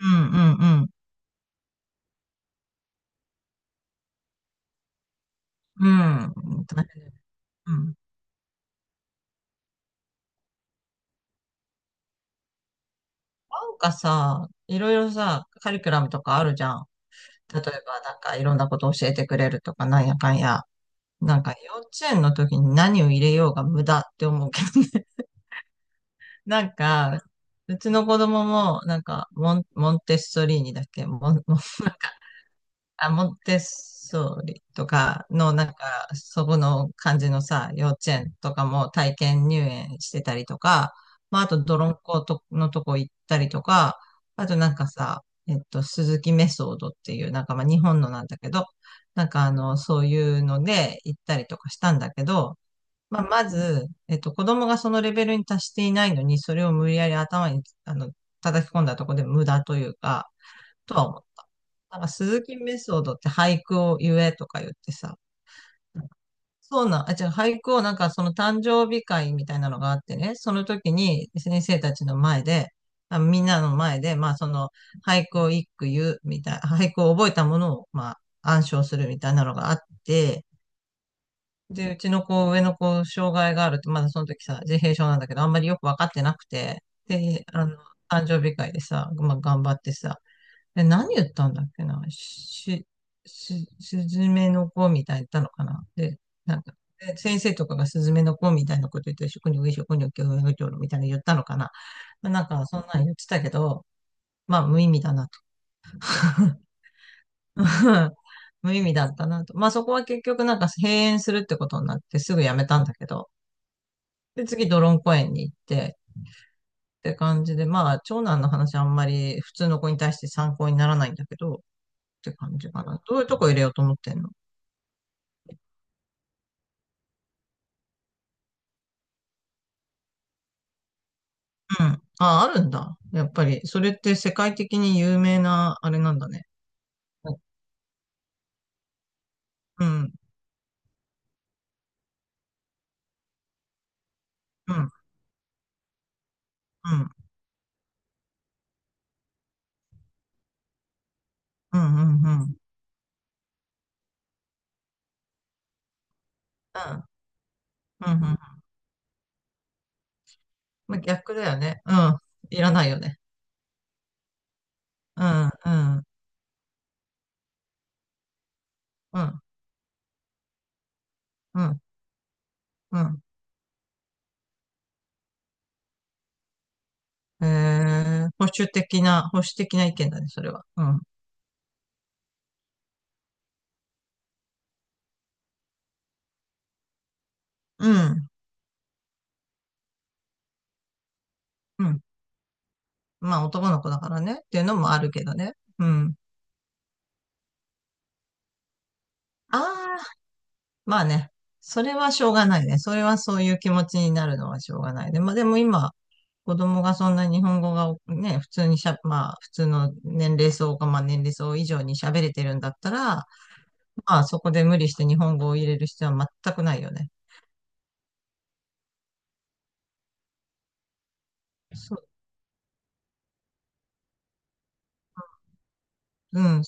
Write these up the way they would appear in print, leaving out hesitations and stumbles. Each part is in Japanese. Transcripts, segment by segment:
うんうんうん。うん。大変。うん。なんかさ、いろいろさ、カリキュラムとかあるじゃん。例えば、なんかいろんなこと教えてくれるとか、なんやかんや。なんか幼稚園の時に何を入れようが無駄って思うけどね。なんか、うちの子供も、なんかモンテッソリーニだっけモン、モンあ、モンテッソーリとかの、なんか、そこの感じのさ、幼稚園とかも体験入園してたりとか、まあ、あと、泥んことのとこ行ったりとか、あとなんかさ、鈴木メソードっていう、なんかまあ、日本のなんだけど、なんかあの、そういうので行ったりとかしたんだけど、まあ、まず、子供がそのレベルに達していないのに、それを無理やり頭に、叩き込んだとこで無駄というか、とは思った。なんか鈴木メソードって俳句を言えとか言ってさ、そうなん、あ、違う、俳句をなんかその誕生日会みたいなのがあってね、その時に先生たちの前で、あ、みんなの前で、まあその俳句を一句言うみたい、俳句を覚えたものをまあ暗唱するみたいなのがあって、で、うちの子、上の子、障害があるって、まだその時さ、自閉症なんだけど、あんまりよくわかってなくて、で、あの、誕生日会でさ、まあ頑張ってさ、え、何言ったんだっけな、すずめの子みたいに言ったのかな、で、なんか、で先生とかがすずめの子みたいなこと言って、食においにょきょ、食にょみたいなの言ったのかな。まあなんか、そんなん言ってたけど、まあ、無意味だなとか。 無意味だったなと。まあ、そこは結局なんか閉園するってことになってすぐやめたんだけど、で、次、ドロン公園に行って、って感じで、まあ、長男の話あんまり普通の子に対して参考にならないんだけど、って感じかな。どういうとこ入れようと思ってんの？うん。あ、あるんだ。やっぱり、それって世界的に有名な、あれなんだね。うん、うん、うん、うん、うん、うん、うん、うん、うん。まあ、逆だよね。うん。いらないよね。うん、うん、うん、うん、うん。保守的な、保守的な意見だね、それは。うん、うん、うん。まあ、男の子だからね、っていうのもあるけどね。うん。あー、まあね、それはしょうがないね。それはそういう気持ちになるのはしょうがないで、まあでも今、子供がそんな日本語がね、普通にまあ普通の年齢層が、まあ年齢層以上に喋れてるんだったら、まあそこで無理して日本語を入れる必要は全くないよね。そう、うん。だ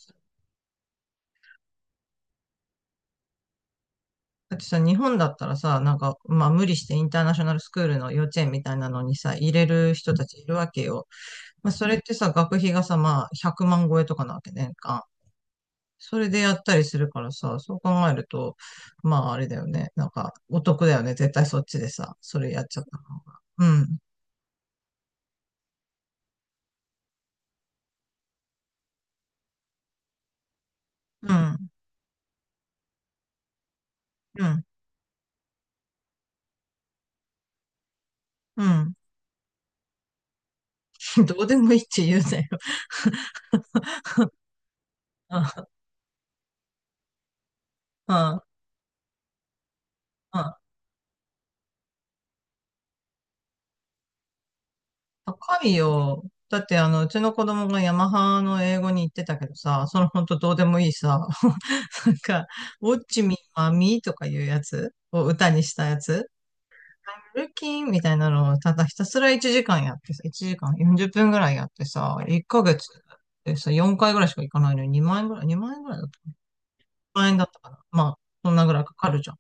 ってさ、日本だったらさ、なんか、まあ無理してインターナショナルスクールの幼稚園みたいなのにさ、入れる人たちいるわけよ。まあそれってさ、学費がさ、まあ100万超えとかなわけね、年間。それでやったりするからさ、そう考えると、まああれだよね。なんか、お得だよね。絶対そっちでさ、それやっちゃった方が。うん、うん、うん、うん。どうでもいいって言うなよ。うん、うん、うん。高いよ。だって、うちの子供がヤマハの英語に行ってたけどさ、そのほんとどうでもいいさ、なんか、ウォッチミーマミーとかいうやつを歌にしたやつルキンみたいなのをただひたすら1時間やってさ、1時間40分ぐらいやってさ、1ヶ月でさ、4回ぐらいしか行かないのに2万円ぐらい、2万円ぐらいだったかな。万円だったかな。まあ、そんなぐらいかかるじゃん。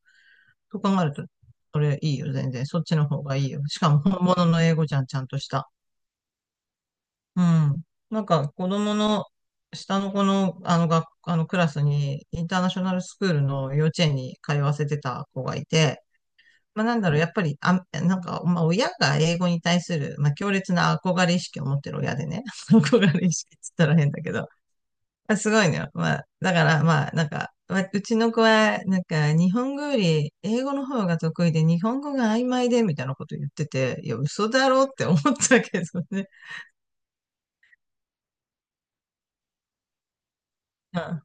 そう考えると、それいいよ、全然。そっちの方がいいよ。しかも本物の英語じゃん、ちゃんとした。うん。なんか子供の、下の子の、あの学、あのクラスに、インターナショナルスクールの幼稚園に通わせてた子がいて、まあ、なんだろう、やっぱり、あ、なんか、まあ、親が英語に対する、まあ、強烈な憧れ意識を持ってる親でね、憧れ意識って言ったら変だけど、まあ、すごいのよ。まあ、だから、まあ、なんか、まあうちの子は、なんか、日本語より英語の方が得意で、日本語が曖昧で、みたいなこと言ってて、いや、嘘だろって思ったけどね。うん、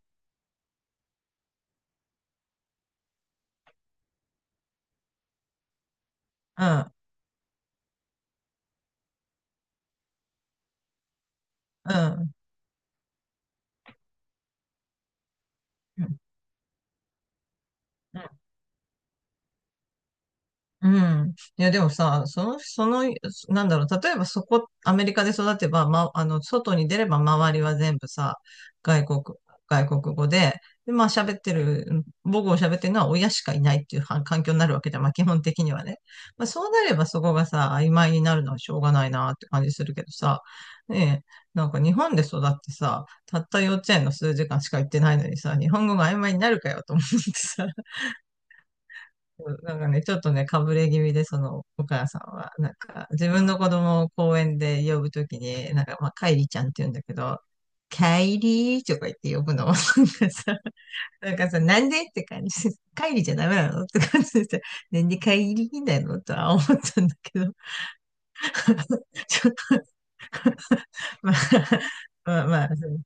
うん、うん、うん。うんうん。いや、でもさ、その、なんだろう、例えばそこ、アメリカで育てば、ま、あの、外に出れば周りは全部さ、外国、外国語で、で、まあ喋ってる、母語を喋ってるのは親しかいないっていうは環境になるわけじゃん、まあ基本的にはね。まあそうなればそこがさ、曖昧になるのはしょうがないなって感じするけどさ、ねえ、なんか日本で育ってさ、たった幼稚園の数時間しか行ってないのにさ、日本語が曖昧になるかよと思ってさ、うん、なんかね、ちょっとね、かぶれ気味で、その、お母さんは、なんか、自分の子供を公園で呼ぶときに、なんか、まあ、カイリちゃんって言うんだけど、カイリーとか言って呼ぶの。なんかさ、なんかさ、なんでって感じ。カイリじゃダメなのって感じでさ、なんでカイリーなのとは思ったんだけど、ちょっと、まあ、まあ、まあ、う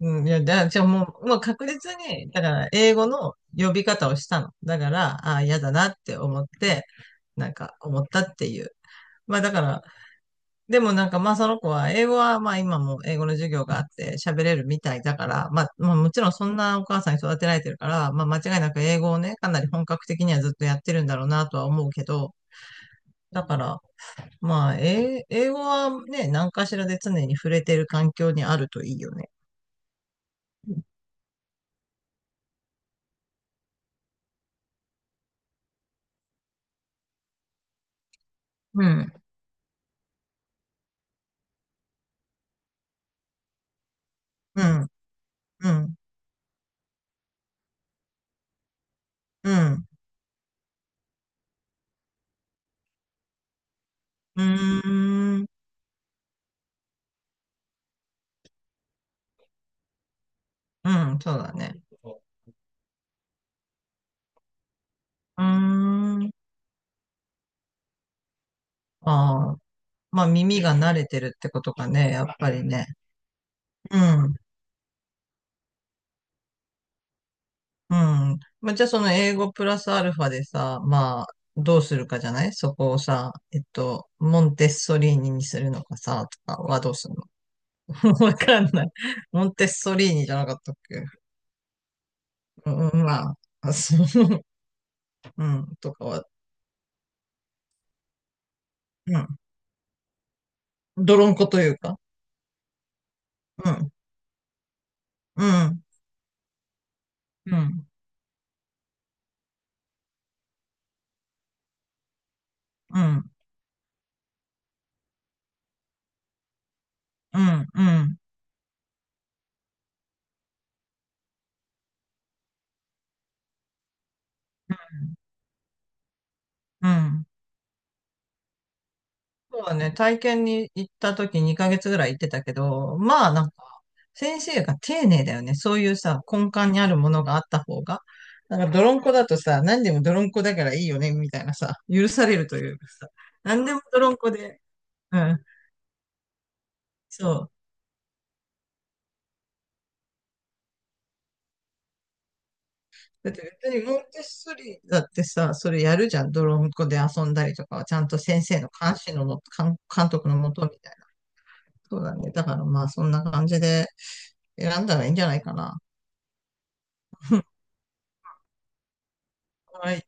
うん、いや、だから、じゃあもう確実に、だから、英語の呼び方をしたの。だから、ああ、嫌だなって思って、なんか思ったっていう、まあだから、でもなんかまあその子は英語はまあ今も英語の授業があって喋れるみたいだから、まあ、まあもちろんそんなお母さんに育てられてるから、まあ間違いなく英語をね、かなり本格的にはずっとやってるんだろうなとは思うけど、だから、まあ、英語はね、何かしらで常に触れてる環境にあるといいよね。うん。うん、うん、うん、うーん、うん、そうだね。うーん、ああ、まあ耳が慣れてるってことかね、やっぱりね。うん、うん。まあ、じゃあその英語プラスアルファでさ、まあ、どうするかじゃないそこをさ、モンテッソリーニにするのかさ、とかはどうするの？ わかんない。モンテッソリーニじゃなかったっけ？うん、まあ、あ、そう、うん、とかは、うん。泥んこというか、うん、うん、うん、うん、うん、うん、うん、うん、うん。そうだね、体験に行った時2ヶ月ぐらい行ってたけど、まあなんか、先生が丁寧だよね。そういうさ、根幹にあるものがあった方が。なんか泥んこだとさ、何でも泥んこだからいいよね、みたいなさ、許されるというかさ、何でも泥んこで、うん、そう。だって別にモンテッソリだってさ、それやるじゃん。泥んこで遊んだりとかは、ちゃんと先生の監視のもと、監督のもとみたいな。そうだね。だからまあそんな感じで選んだらいいんじゃないかな。はい。